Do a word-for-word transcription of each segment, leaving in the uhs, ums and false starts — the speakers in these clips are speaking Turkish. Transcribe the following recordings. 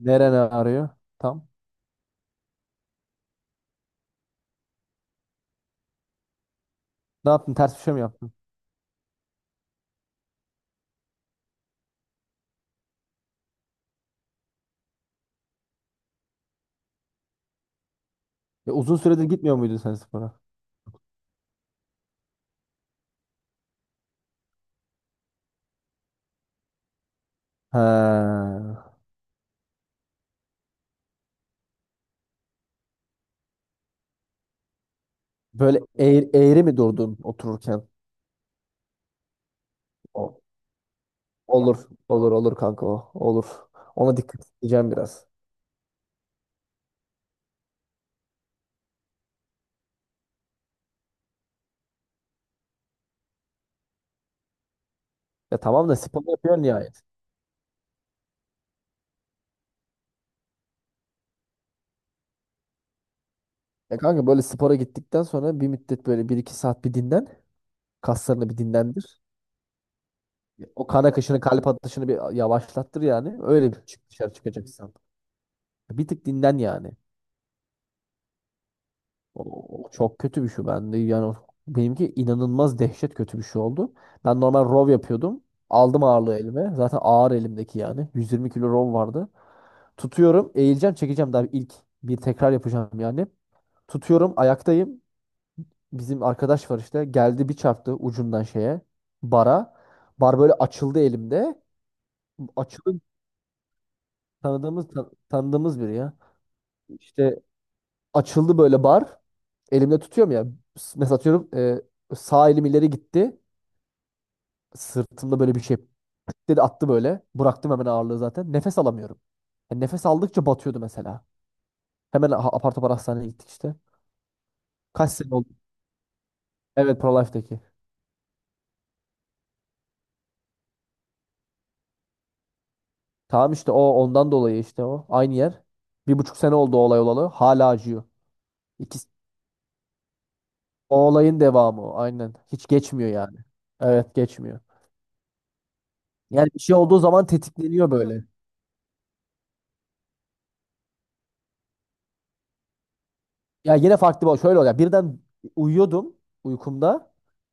Neren ağrıyor? Tam. Ne yaptın? Ters bir şey mi yaptın? Ya uzun süredir gitmiyor muydun sen spora? Ha. Böyle eğri, eğri mi durdun otururken? O- Olur. Olur olur kanka o. Olur. Ona dikkat edeceğim biraz. Ya tamam da spor yapıyorsun nihayet. Ya kanka böyle spora gittikten sonra bir müddet böyle bir iki saat bir dinlen. Kaslarını bir dinlendir. O kan akışını, kalp atışını bir yavaşlattır yani. Öyle bir çık dışarı çıkacaksın. Bir tık dinlen yani. O, o çok kötü bir şey bende. Yani o- benimki inanılmaz dehşet kötü bir şey oldu. Ben normal rov yapıyordum. Aldım ağırlığı elime. Zaten ağır elimdeki yani. yüz yirmi kilo rov vardı. Tutuyorum, eğileceğim, çekeceğim daha ilk bir tekrar yapacağım yani. Tutuyorum, ayaktayım. Bizim arkadaş var işte. Geldi bir çarptı ucundan şeye. Bara. Bar böyle açıldı elimde. Açıldı, tanıdığımız tan- tanıdığımız biri ya. İşte açıldı böyle bar. Elimde tutuyorum ya. Mesela atıyorum, e, sağ elim ileri gitti. Sırtımda böyle bir şey pıt dedi attı böyle. Bıraktım hemen ağırlığı zaten. Nefes alamıyorum. Yani nefes aldıkça batıyordu mesela. Hemen ha- apar topar hastaneye gittik işte. Kaç sene oldu? Evet, Prolife'deki. Tamam işte o ondan dolayı işte o. Aynı yer. Bir buçuk sene oldu o olay olalı. Hala acıyor. İkisi, o olayın devamı o. Aynen. Hiç geçmiyor yani. Evet, geçmiyor. Yani bir şey olduğu zaman tetikleniyor böyle. Ya yine farklı bir şöyle oluyor. Birden uyuyordum uykumda.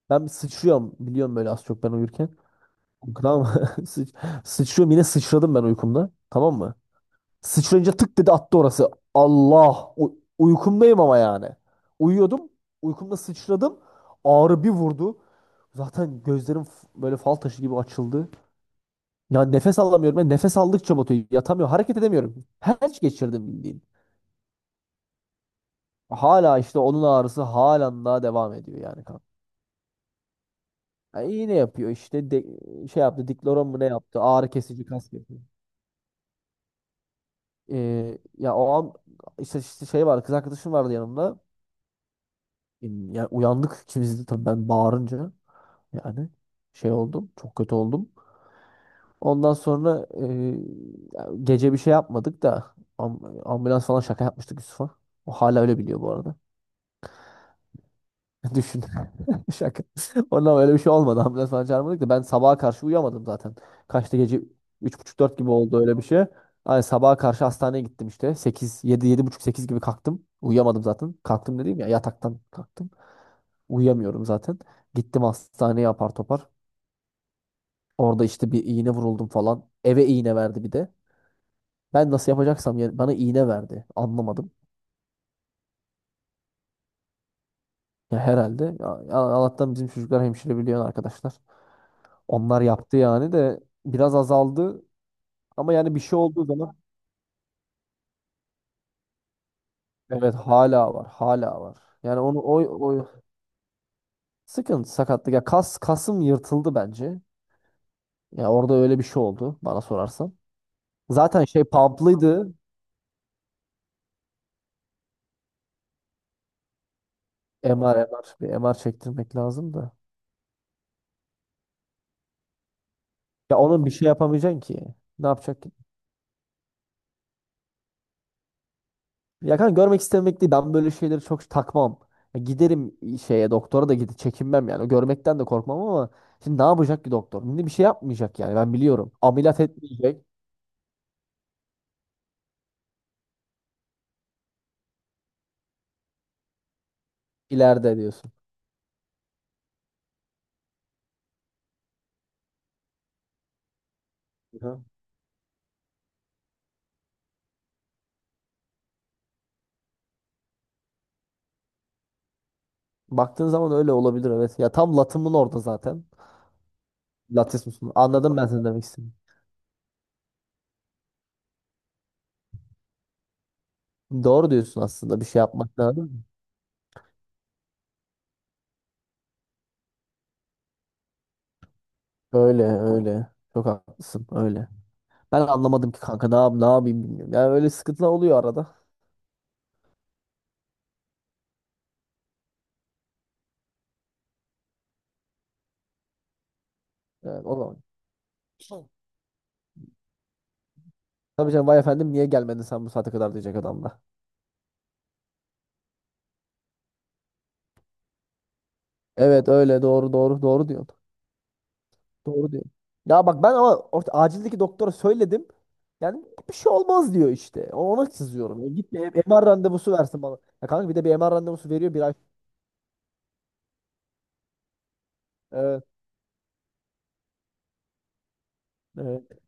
Ben bir sıçrıyorum. Biliyorum böyle az çok ben uyurken. Tamam mı? Sıç- Sıçrıyorum, yine sıçradım ben uykumda. Tamam mı? Sıçrayınca tık dedi attı orası. Allah! U- uykumdayım ama yani. Uyuyordum. Uykumda sıçradım. Ağrı bir vurdu. Zaten gözlerim f- böyle fal taşı gibi açıldı. Ya nefes alamıyorum. Ben nefes aldıkça batıyor. Yatamıyorum. Hareket edemiyorum. Felç geçirdim bildiğin. Hala işte onun ağrısı halen daha devam ediyor yani, kanka. Ha, iğne yapıyor işte de, şey yaptı, dikloron mu ne yaptı, ağrı kesici kas yapıyor. Ee, ya o an işte, işte şey var, kız arkadaşım vardı yanımda. Ya uyandık ikimiz de tabii, ben bağırınca yani şey oldum, çok kötü oldum. Ondan sonra e, ya gece bir şey yapmadık da am- ambulans falan şaka yapmıştık Yusuf'a. O hala öyle biliyor bu arada. Düşün. Şaka. Ondan öyle bir şey olmadı. Ambulans falan çağırmadık da ben sabaha karşı uyuyamadım zaten. Kaçta gece üç buçuk dört gibi oldu, öyle bir şey. Yani sabaha karşı hastaneye gittim işte. Sekiz, yedi, yedi buçuk sekiz gibi kalktım. Uyuyamadım zaten. Kalktım dediğim ya, yataktan kalktım. Uyuyamıyorum zaten. Gittim hastaneye apar topar. Orada işte bir iğne vuruldum falan. Eve iğne verdi bir de. Ben nasıl yapacaksam yani, bana iğne verdi. Anlamadım. Ya herhalde. Ya, Allah'tan bizim çocuklar hemşire biliyor, arkadaşlar. Onlar yaptı yani de biraz azaldı ama yani bir şey olduğu zaman evet, hala var hala var. Yani onu o, o sıkıntı sakatlık, ya kas, kasım yırtıldı bence. Ya orada öyle bir şey oldu bana sorarsan. Zaten şey pumplıydı. M R M R bir M R çektirmek lazım da. Ya onun bir şey yapamayacaksın ki. Ne yapacak? Ya kanka, görmek istemek değil. Ben böyle şeyleri çok takmam. Ya giderim şeye, doktora da gidip çekinmem yani. Görmekten de korkmam ama şimdi ne yapacak ki doktor? Şimdi bir şey yapmayacak yani, ben biliyorum. Ameliyat etmeyecek, ileride diyorsun. Hı. Baktığın zaman öyle olabilir, evet. Ya tam latımın orada zaten. Latismusun. Anladım ben seni, demek istedim. Doğru diyorsun, aslında bir şey yapmak lazım. Öyle öyle. Çok haklısın, öyle. Ben anlamadım ki kanka, ne yap, ne yapayım bilmiyorum. Yani öyle sıkıntılar oluyor arada. Yani o zaman. Tabii canım, vay efendim niye gelmedin sen bu saate kadar diyecek adam da. Evet, öyle, doğru doğru doğru diyorsun. Doğru diyorsun. Ya bak ben ama orta, acildeki doktora söyledim. Yani bir şey olmaz diyor işte. Ona sızıyorum. Ya git bir M R randevusu versin bana. Ya kanka bir de bir M R randevusu veriyor bir ay. Evet, evet.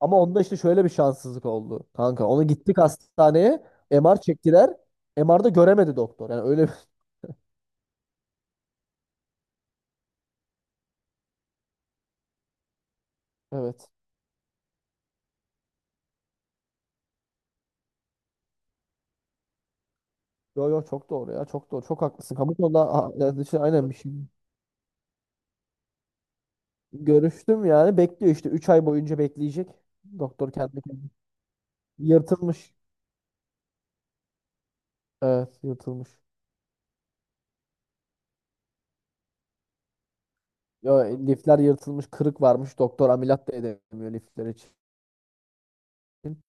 Ama onda işte şöyle bir şanssızlık oldu. Kanka onu gittik hastaneye. M R çektiler. M R'da göremedi doktor. Yani öyle bir... Evet. Yo yo, çok doğru ya. Çok doğru. Çok haklısın. Kamu konuda ha- yani şey, aynen bir şey. Görüştüm, yani bekliyor işte üç ay boyunca bekleyecek. Doktor kendi kendine. Yırtılmış. Evet, yırtılmış. Ya, lifler yırtılmış, kırık varmış. Doktor ameliyat da edemiyor lifler için. Ameliyat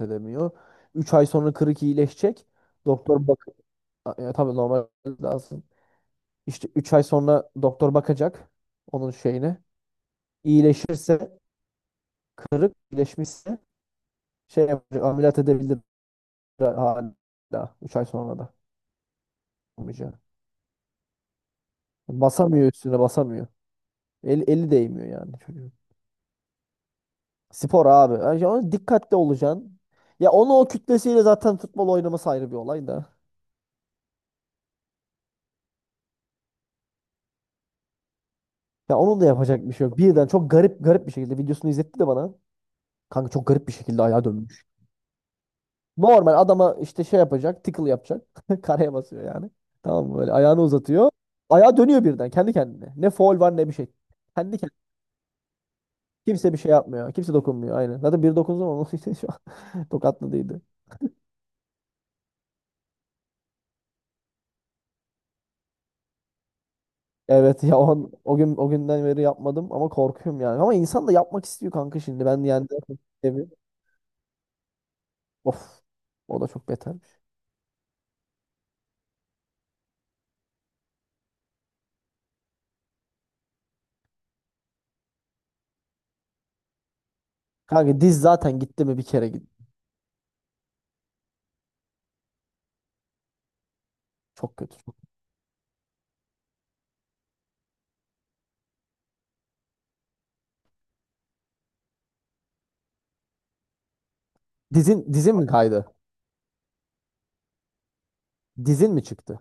edemiyor. Üç ay sonra kırık iyileşecek. Doktor bak, A- ya, tabii normal lazım. İşte üç ay sonra doktor bakacak onun şeyine. İyileşirse, kırık iyileşmişse şey yapacak, ameliyat edebilir, hala üç ay sonra da olmayacak. Basamıyor, üstüne basamıyor. Eli, eli değmiyor yani çocuğun. Spor abi. Yani ona dikkatli olacaksın. Ya onu o kütlesiyle zaten futbol oynaması ayrı bir olay da. Ya onun da yapacak bir şey yok. Birden çok garip, garip bir şekilde videosunu izletti de bana. Kanka çok garip bir şekilde ayağa dönmüş. Normal adama işte şey yapacak, tickle yapacak. Karaya basıyor yani. Tamam mı? Böyle ayağını uzatıyor. Ayağa dönüyor birden kendi kendine. Ne foul var ne bir şey. Kendi kendine. Kimse bir şey yapmıyor. Kimse dokunmuyor. Aynen. Zaten bir dokundu ama şu an tokatladıydı. Evet ya o, o gün, o günden beri yapmadım ama korkuyorum yani. Ama insan da yapmak istiyor kanka şimdi. Ben yani seviyorum. Of. O da çok betermiş. Kanka diz zaten gitti mi bir kere git. Çok kötü. Dizin dizin mi kaydı? Dizin mi çıktı?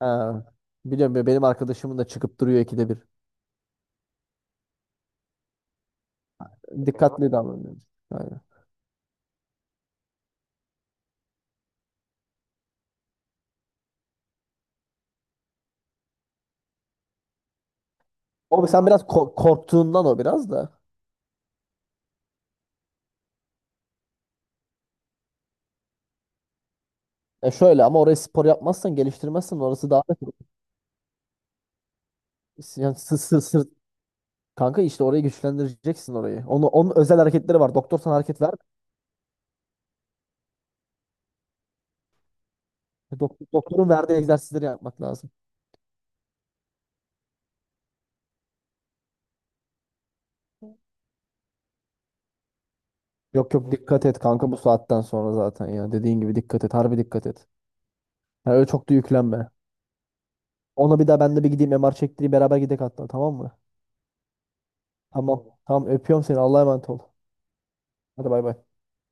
Ha. Biliyorum ya, benim arkadaşımın da çıkıp duruyor ikide bir. Dikkatli davranıyorum. Aynen. O sen biraz ko- korktuğundan o biraz da. E şöyle ama oraya spor yapmazsan, geliştirmezsen orası daha, yani sı- sı- sırt- kanka işte orayı güçlendireceksin orayı. Onu, onun özel hareketleri var. Doktor sana hareket ver. Dok- doktorun verdiği egzersizleri yapmak lazım. Yok yok, dikkat et kanka bu saatten sonra zaten ya. Dediğin gibi dikkat et. Harbi dikkat et. Yani öyle çok da yüklenme. Ona bir daha ben de bir gideyim M R çektireyim, beraber gidek hatta, tamam mı? Tamam. Tamam, öpüyorum seni. Allah'a emanet ol. Hadi bay bay.